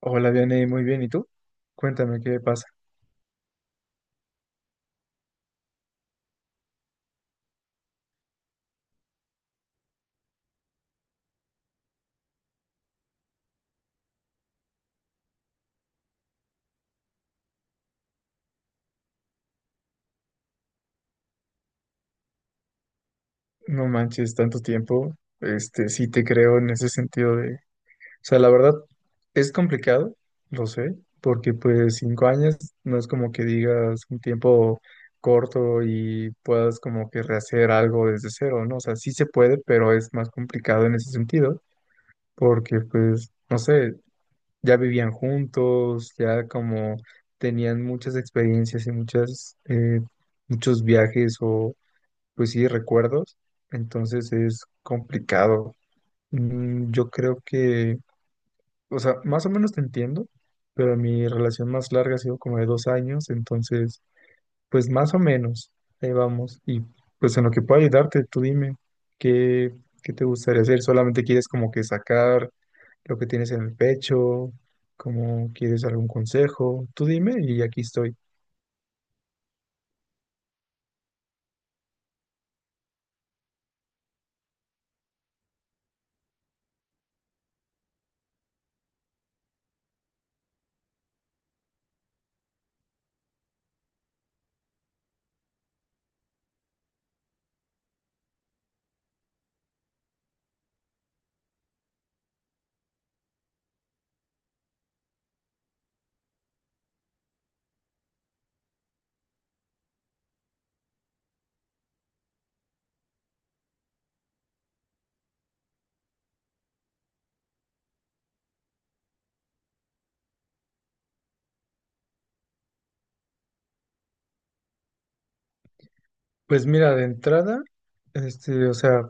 Hola, Diane, muy bien. ¿Y tú? Cuéntame qué pasa. No manches, tanto tiempo. Sí te creo en ese sentido de, o sea, la verdad es complicado, lo sé, porque pues 5 años no es como que digas un tiempo corto y puedas como que rehacer algo desde cero, ¿no? O sea, sí se puede, pero es más complicado en ese sentido, porque pues, no sé, ya vivían juntos, ya como tenían muchas experiencias y muchas, muchos viajes o pues sí, recuerdos, entonces es complicado. Mm, yo creo que, o sea, más o menos te entiendo, pero mi relación más larga ha sido como de 2 años, entonces, pues más o menos, ahí vamos. Y pues en lo que pueda ayudarte, tú dime, ¿qué, ¿qué te gustaría hacer? ¿Solamente quieres como que sacar lo que tienes en el pecho? ¿Cómo quieres algún consejo? Tú dime y aquí estoy. Pues mira, de entrada, o sea,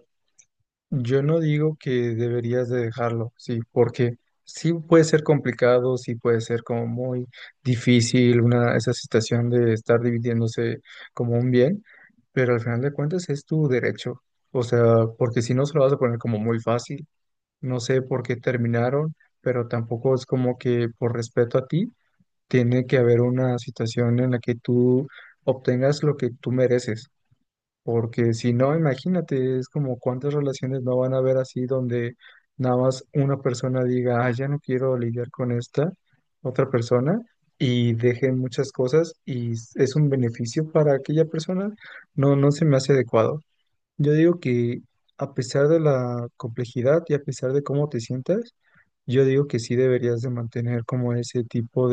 yo no digo que deberías de dejarlo, sí, porque sí puede ser complicado, sí puede ser como muy difícil una, esa situación de estar dividiéndose como un bien, pero al final de cuentas es tu derecho, o sea, porque si no se lo vas a poner como muy fácil, no sé por qué terminaron, pero tampoco es como que por respeto a ti tiene que haber una situación en la que tú obtengas lo que tú mereces. Porque si no, imagínate, es como cuántas relaciones no van a haber así donde nada más una persona diga, ah, ya no quiero lidiar con esta otra persona y dejen muchas cosas y es un beneficio para aquella persona. No, no se me hace adecuado. Yo digo que a pesar de la complejidad y a pesar de cómo te sientas, yo digo que sí deberías de mantener como ese tipo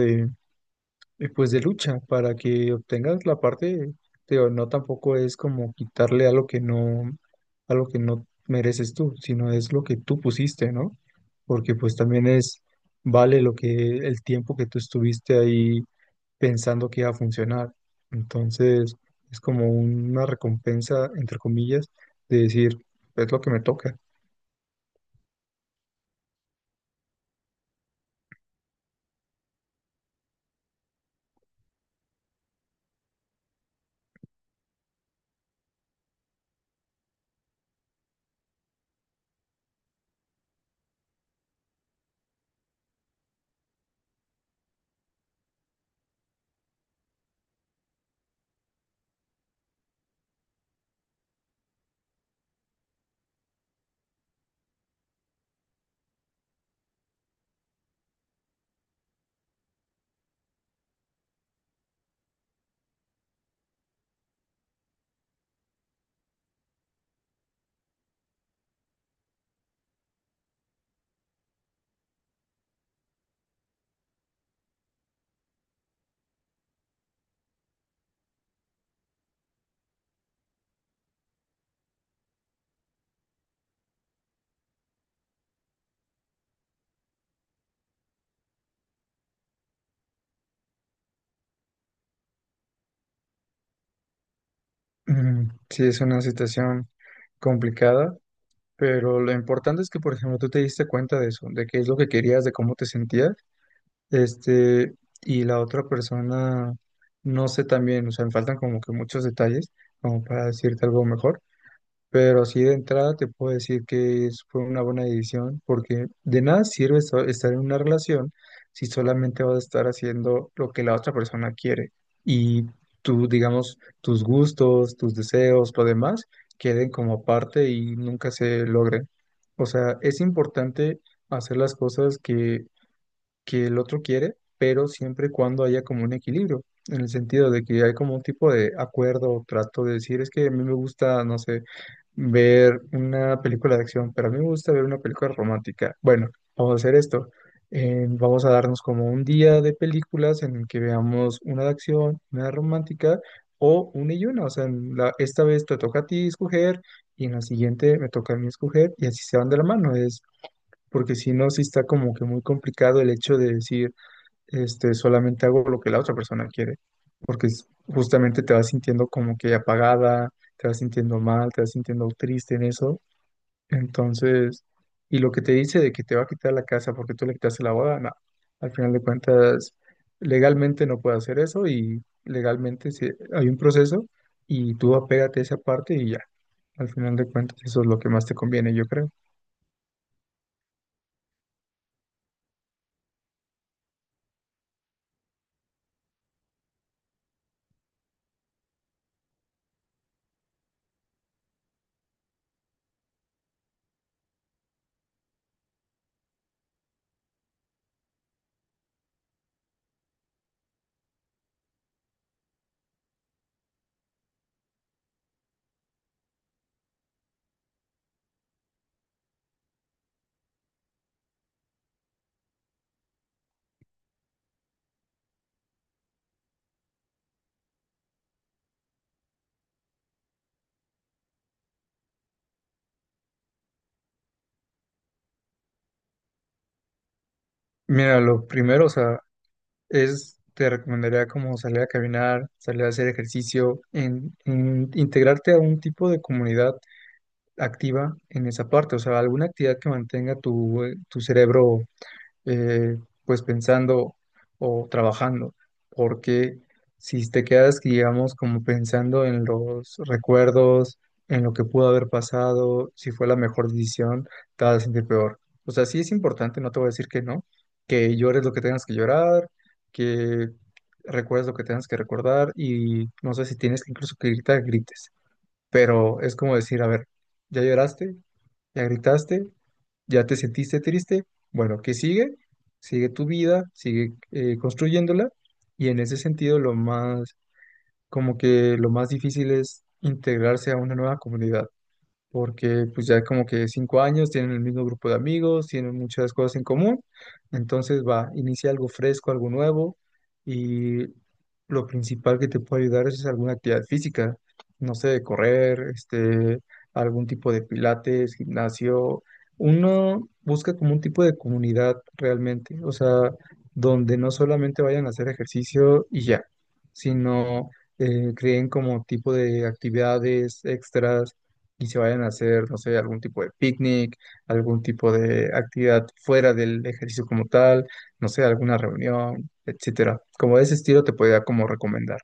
y pues de lucha para que obtengas la parte, pero no tampoco es como quitarle algo que no mereces tú, sino es lo que tú pusiste, ¿no? Porque pues también es, vale lo que, el tiempo que tú estuviste ahí pensando que iba a funcionar. Entonces, es como una recompensa, entre comillas, de decir, es lo que me toca. Mm, sí, es una situación complicada. Pero lo importante es que, por ejemplo, tú te diste cuenta de eso, de qué es lo que querías, de cómo te sentías, este, y la otra persona, no sé también, o sea, me faltan como que muchos detalles como para decirte algo mejor, pero así de entrada te puedo decir que fue una buena decisión, porque de nada sirve estar en una relación si solamente vas a estar haciendo lo que la otra persona quiere y tú, digamos, tus gustos, tus deseos, lo demás, queden como parte y nunca se logren. O sea, es importante hacer las cosas que el otro quiere, pero siempre y cuando haya como un equilibrio, en el sentido de que hay como un tipo de acuerdo o trato de decir, es que a mí me gusta, no sé, ver una película de acción, pero a mí me gusta ver una película romántica. Bueno, vamos a hacer esto. Vamos a darnos como un día de películas en el que veamos una de acción, una de romántica o una y una. O sea, en esta vez te toca a ti escoger y en la siguiente me toca a mí escoger y así se van de la mano. Es porque si no, sí está como que muy complicado el hecho de decir, solamente hago lo que la otra persona quiere, porque justamente te vas sintiendo como que apagada, te vas sintiendo mal, te vas sintiendo triste en eso. Entonces, y lo que te dice de que te va a quitar la casa porque tú le quitaste la boda, no, al final de cuentas, legalmente no puede hacer eso y legalmente sí, hay un proceso y tú apégate a esa parte y ya, al final de cuentas, eso es lo que más te conviene, yo creo. Mira, lo primero, o sea, es, te recomendaría como salir a caminar, salir a hacer ejercicio, en integrarte a un tipo de comunidad activa en esa parte, o sea, alguna actividad que mantenga tu, tu cerebro eh, pues pensando o trabajando, porque si te quedas, digamos, como pensando en los recuerdos, en lo que pudo haber pasado, si fue la mejor decisión, te vas a sentir peor. O sea, sí es importante, no te voy a decir que no, que llores lo que tengas que llorar, que recuerdes lo que tengas que recordar y no sé si tienes que incluso que gritar, grites, pero es como decir, a ver, ya lloraste, ya gritaste, ya te sentiste triste. Bueno, ¿qué sigue? Sigue tu vida, sigue construyéndola. Y en ese sentido, lo más, como que lo más difícil es integrarse a una nueva comunidad porque pues ya como que 5 años, tienen el mismo grupo de amigos, tienen muchas cosas en común, entonces va, inicia algo fresco, algo nuevo y lo principal que te puede ayudar es alguna actividad física, no sé, correr, algún tipo de pilates, gimnasio. Uno busca como un tipo de comunidad realmente, o sea, donde no solamente vayan a hacer ejercicio y ya, sino creen como tipo de actividades extras y se vayan a hacer, no sé, algún tipo de picnic, algún tipo de actividad fuera del ejercicio como tal, no sé, alguna reunión, etcétera. Como de ese estilo te podría como recomendar.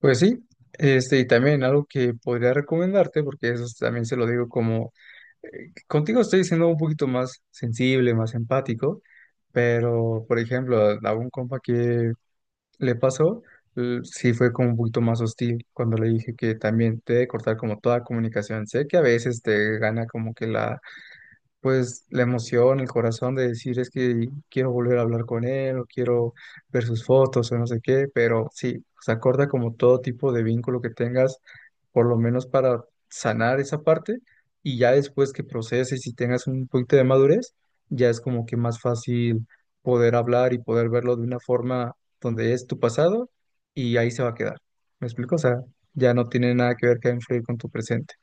Pues sí, y también algo que podría recomendarte, porque eso también se lo digo como, contigo estoy siendo un poquito más sensible, más empático, pero, por ejemplo, a un compa que le pasó, sí fue como un poquito más hostil cuando le dije que también te debe cortar como toda comunicación. Sé que a veces te gana como que la pues la emoción, el corazón de decir es que quiero volver a hablar con él o quiero ver sus fotos o no sé qué, pero sí, se acorda como todo tipo de vínculo que tengas, por lo menos para sanar esa parte y ya después que proceses y tengas un poquito de madurez, ya es como que más fácil poder hablar y poder verlo de una forma donde es tu pasado y ahí se va a quedar. ¿Me explico? O sea, ya no tiene nada que ver que influir con tu presente.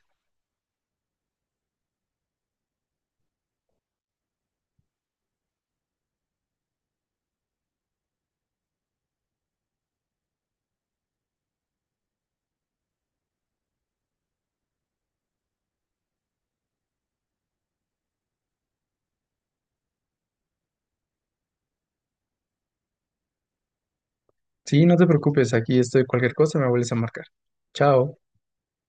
Sí, no te preocupes, aquí estoy. Cualquier cosa me vuelves a marcar. Chao.